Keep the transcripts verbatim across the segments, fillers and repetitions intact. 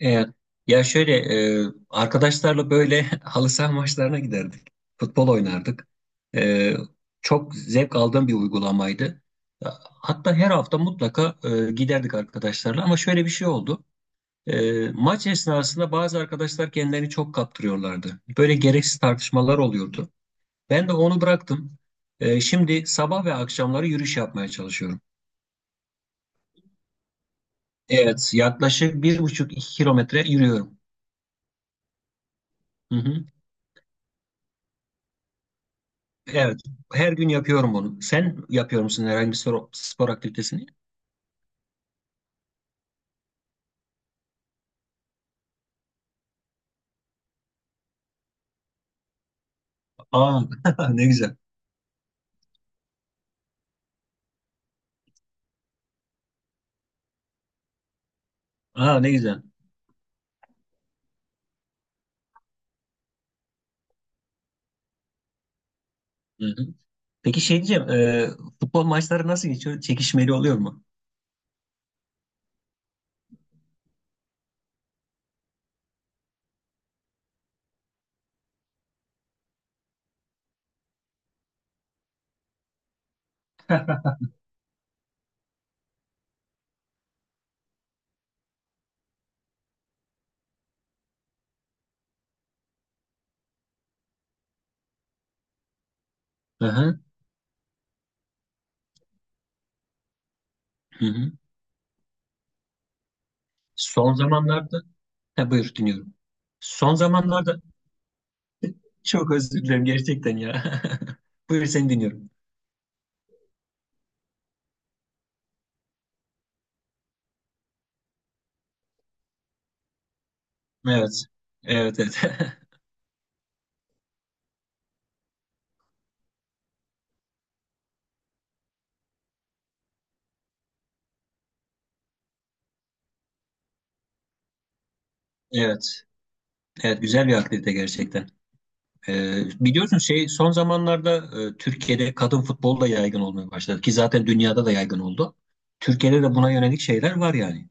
Evet. Ya şöyle e, Arkadaşlarla böyle halı saha maçlarına giderdik. Futbol oynardık. E, Çok zevk aldığım bir uygulamaydı. Hatta her hafta mutlaka e, giderdik arkadaşlarla ama şöyle bir şey oldu. E, maç esnasında bazı arkadaşlar kendilerini çok kaptırıyorlardı. Böyle gereksiz tartışmalar oluyordu. Ben de onu bıraktım. E, şimdi sabah ve akşamları yürüyüş yapmaya çalışıyorum. Evet, yaklaşık bir buçuk iki kilometre yürüyorum. Hı hı. Evet. Her gün yapıyorum bunu. Sen yapıyor musun herhangi bir spor, spor aktivitesini? Aa, ne güzel. Aa, ne güzel. Hı-hı. Peki şey diyeceğim. e, futbol maçları nasıl geçiyor? Çekişmeli oluyor mu? Hı-hı. Hı-hı. Son zamanlarda... Ha, buyur dinliyorum. Son zamanlarda... Çok özür dilerim gerçekten ya. Buyur seni dinliyorum. Evet. Evet, evet. Evet. Evet, güzel bir aktivite gerçekten. Ee, biliyorsun şey son zamanlarda e, Türkiye'de kadın futbol da yaygın olmaya başladı ki zaten dünyada da yaygın oldu. Türkiye'de de buna yönelik şeyler var yani.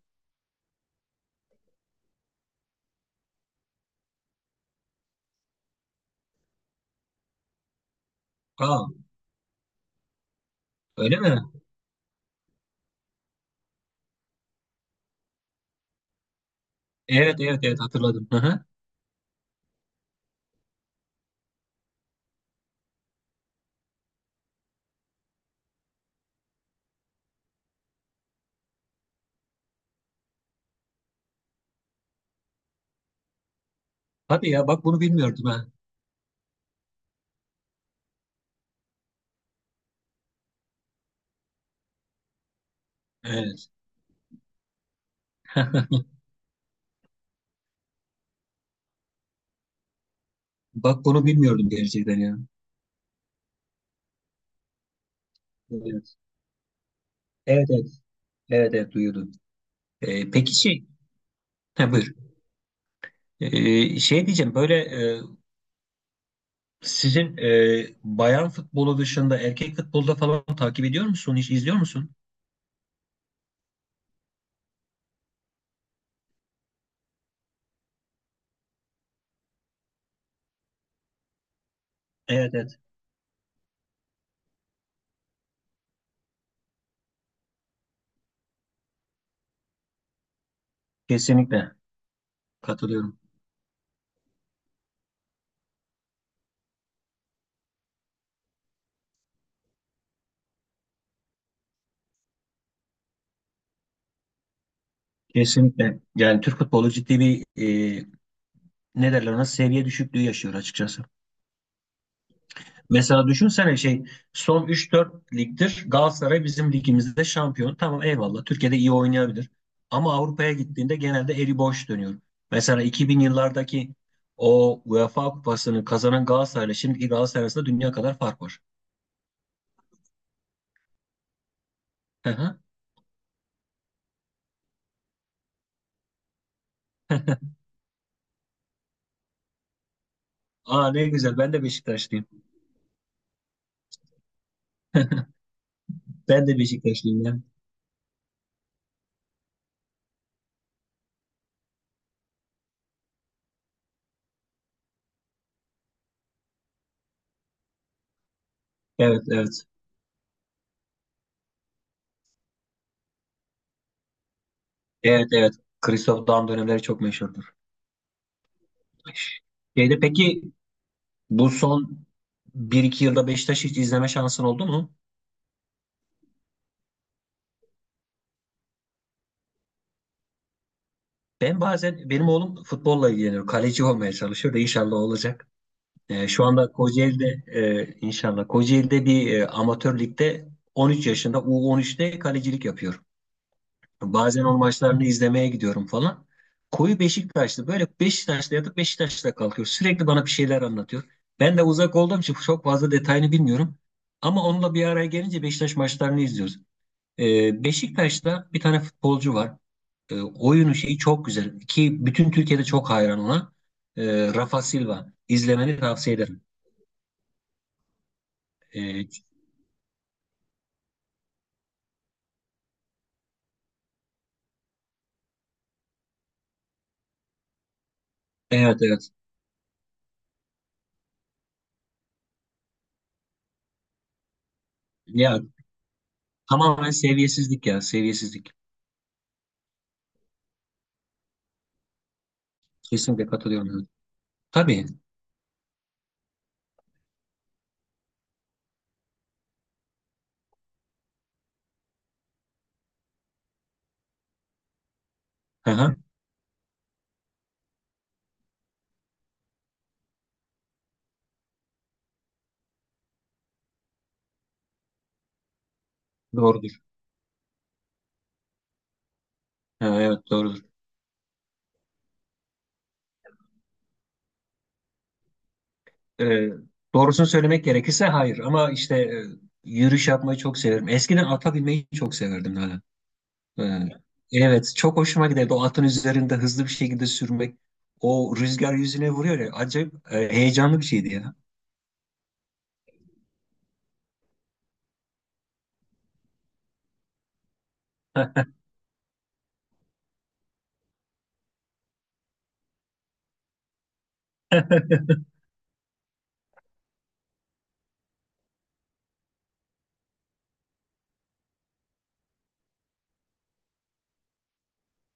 Aa, öyle mi? Evet evet evet hatırladım. Hı hı. Hadi ya bak bunu bilmiyordum ha. Evet. Bak bunu bilmiyordum gerçekten ya. Evet evet evet evet, evet duyuyordum. Ee, peki şey ha, buyur. Ee, şey diyeceğim böyle e, sizin e, bayan futbolu dışında erkek futbolda falan takip ediyor musun? Hiç izliyor musun? Evet evet kesinlikle. Katılıyorum. Kesinlikle. Yani Türk futbolu ciddi bir e, ne derler ona seviye düşüklüğü yaşıyor açıkçası. Mesela düşünsene şey son üç dört ligdir Galatasaray bizim ligimizde şampiyon. Tamam eyvallah Türkiye'de iyi oynayabilir. Ama Avrupa'ya gittiğinde genelde eli boş dönüyor. Mesela iki bin yıllardaki o UEFA kupasını kazanan Galatasaray'la şimdiki Galatasaray arasında dünya kadar fark var. Hı hı. Aa ne güzel ben de Beşiktaşlıyım. Ben de Beşiktaşlıyım ya. Evet evet. Evet evet. Christoph Daum dönemleri çok meşhurdur. Şeyde peki bu son bir iki yılda Beşiktaş'ı hiç izleme şansın oldu mu? Ben bazen benim oğlum futbolla ilgileniyor. Kaleci olmaya çalışıyor da inşallah olacak. Ee, şu anda Kocaeli'de e, inşallah Kocaeli'de bir e, amatör ligde on üç yaşında U on üçte kalecilik yapıyor. Bazen onun maçlarını izlemeye gidiyorum falan. Koyu Beşiktaşlı böyle Beşiktaş'ta yatıp Beşiktaş'ta kalkıyor. Sürekli bana bir şeyler anlatıyor. Ben de uzak olduğum için çok fazla detayını bilmiyorum. Ama onunla bir araya gelince Beşiktaş maçlarını izliyoruz. Ee, Beşiktaş'ta bir tane futbolcu var. Ee, oyunu şeyi çok güzel ki bütün Türkiye'de çok hayran ona. Ee, Rafa Silva. İzlemeni tavsiye ederim. Ee, evet evet. Ya tamamen seviyesizlik ya seviyesizlik. Kesinlikle katılıyorum. Evet. Tabii. Hı-hı. Doğrudur. Ha, evet doğrudur. Ee, Doğrusunu söylemek gerekirse hayır ama işte e, yürüyüş yapmayı çok severim. Eskiden ata binmeyi çok severdim hala. Ee, Evet, çok hoşuma giderdi. O atın üzerinde hızlı bir şekilde sürmek. O rüzgar yüzüne vuruyor ya. Acayip e, heyecanlı bir şeydi ya.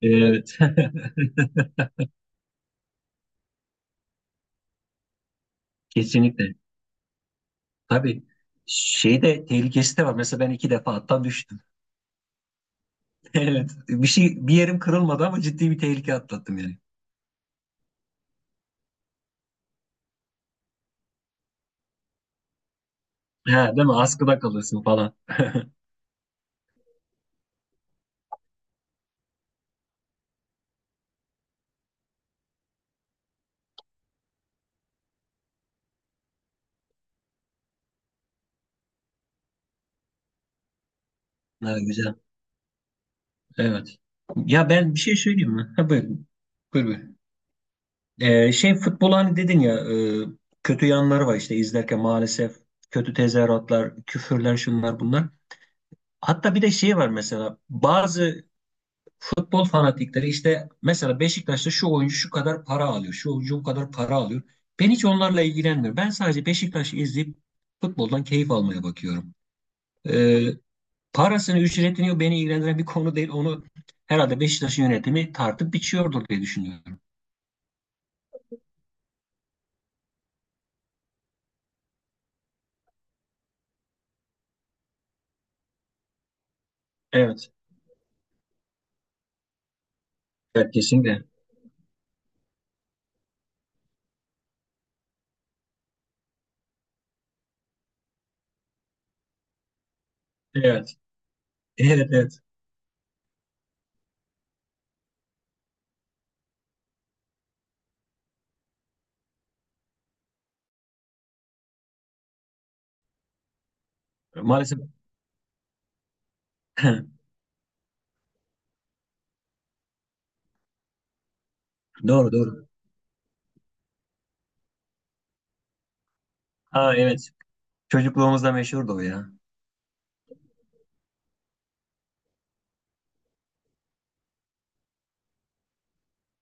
Evet. Kesinlikle. Tabii. Şey de tehlikesi de var. Mesela ben iki defa attan düştüm. Evet. Bir şey bir yerim kırılmadı ama ciddi bir tehlike atlattım yani. Ha, değil mi? Askıda kalırsın falan. Ha, güzel. Evet. Ya ben bir şey söyleyeyim mi? Ha, buyurun. Buyur, buyur. Ee, şey futbol hani dedin ya e, kötü yanları var işte izlerken maalesef kötü tezahüratlar, küfürler şunlar bunlar. Hatta bir de şey var mesela bazı futbol fanatikleri işte mesela Beşiktaş'ta şu oyuncu şu kadar para alıyor, şu oyuncu bu kadar para alıyor. Ben hiç onlarla ilgilenmiyorum. Ben sadece Beşiktaş'ı izleyip futboldan keyif almaya bakıyorum. Ee, Parasını, ücretini beni ilgilendiren bir konu değil. Onu herhalde Beşiktaş'ın yönetimi tartıp biçiyordur diye düşünüyorum. Evet, evet kesinlikle. Evet. Evet, evet. Maalesef doğru doğru. Ha evet. Çocukluğumuzda meşhurdu o ya.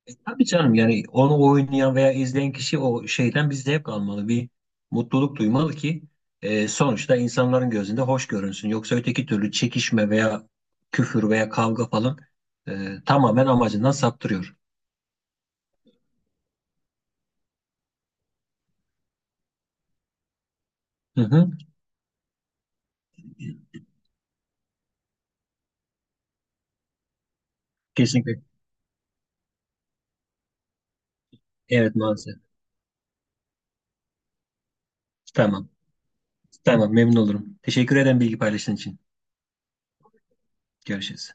E, tabii canım yani onu oynayan veya izleyen kişi o şeyden bir zevk almalı. Bir mutluluk duymalı ki e, sonuçta insanların gözünde hoş görünsün. Yoksa öteki türlü çekişme veya küfür veya kavga falan e, tamamen amacından saptırıyor. Hı hı. Kesinlikle. Evet maalesef. Tamam. Tamam memnun olurum. Teşekkür ederim bilgi paylaştığın için. Görüşürüz.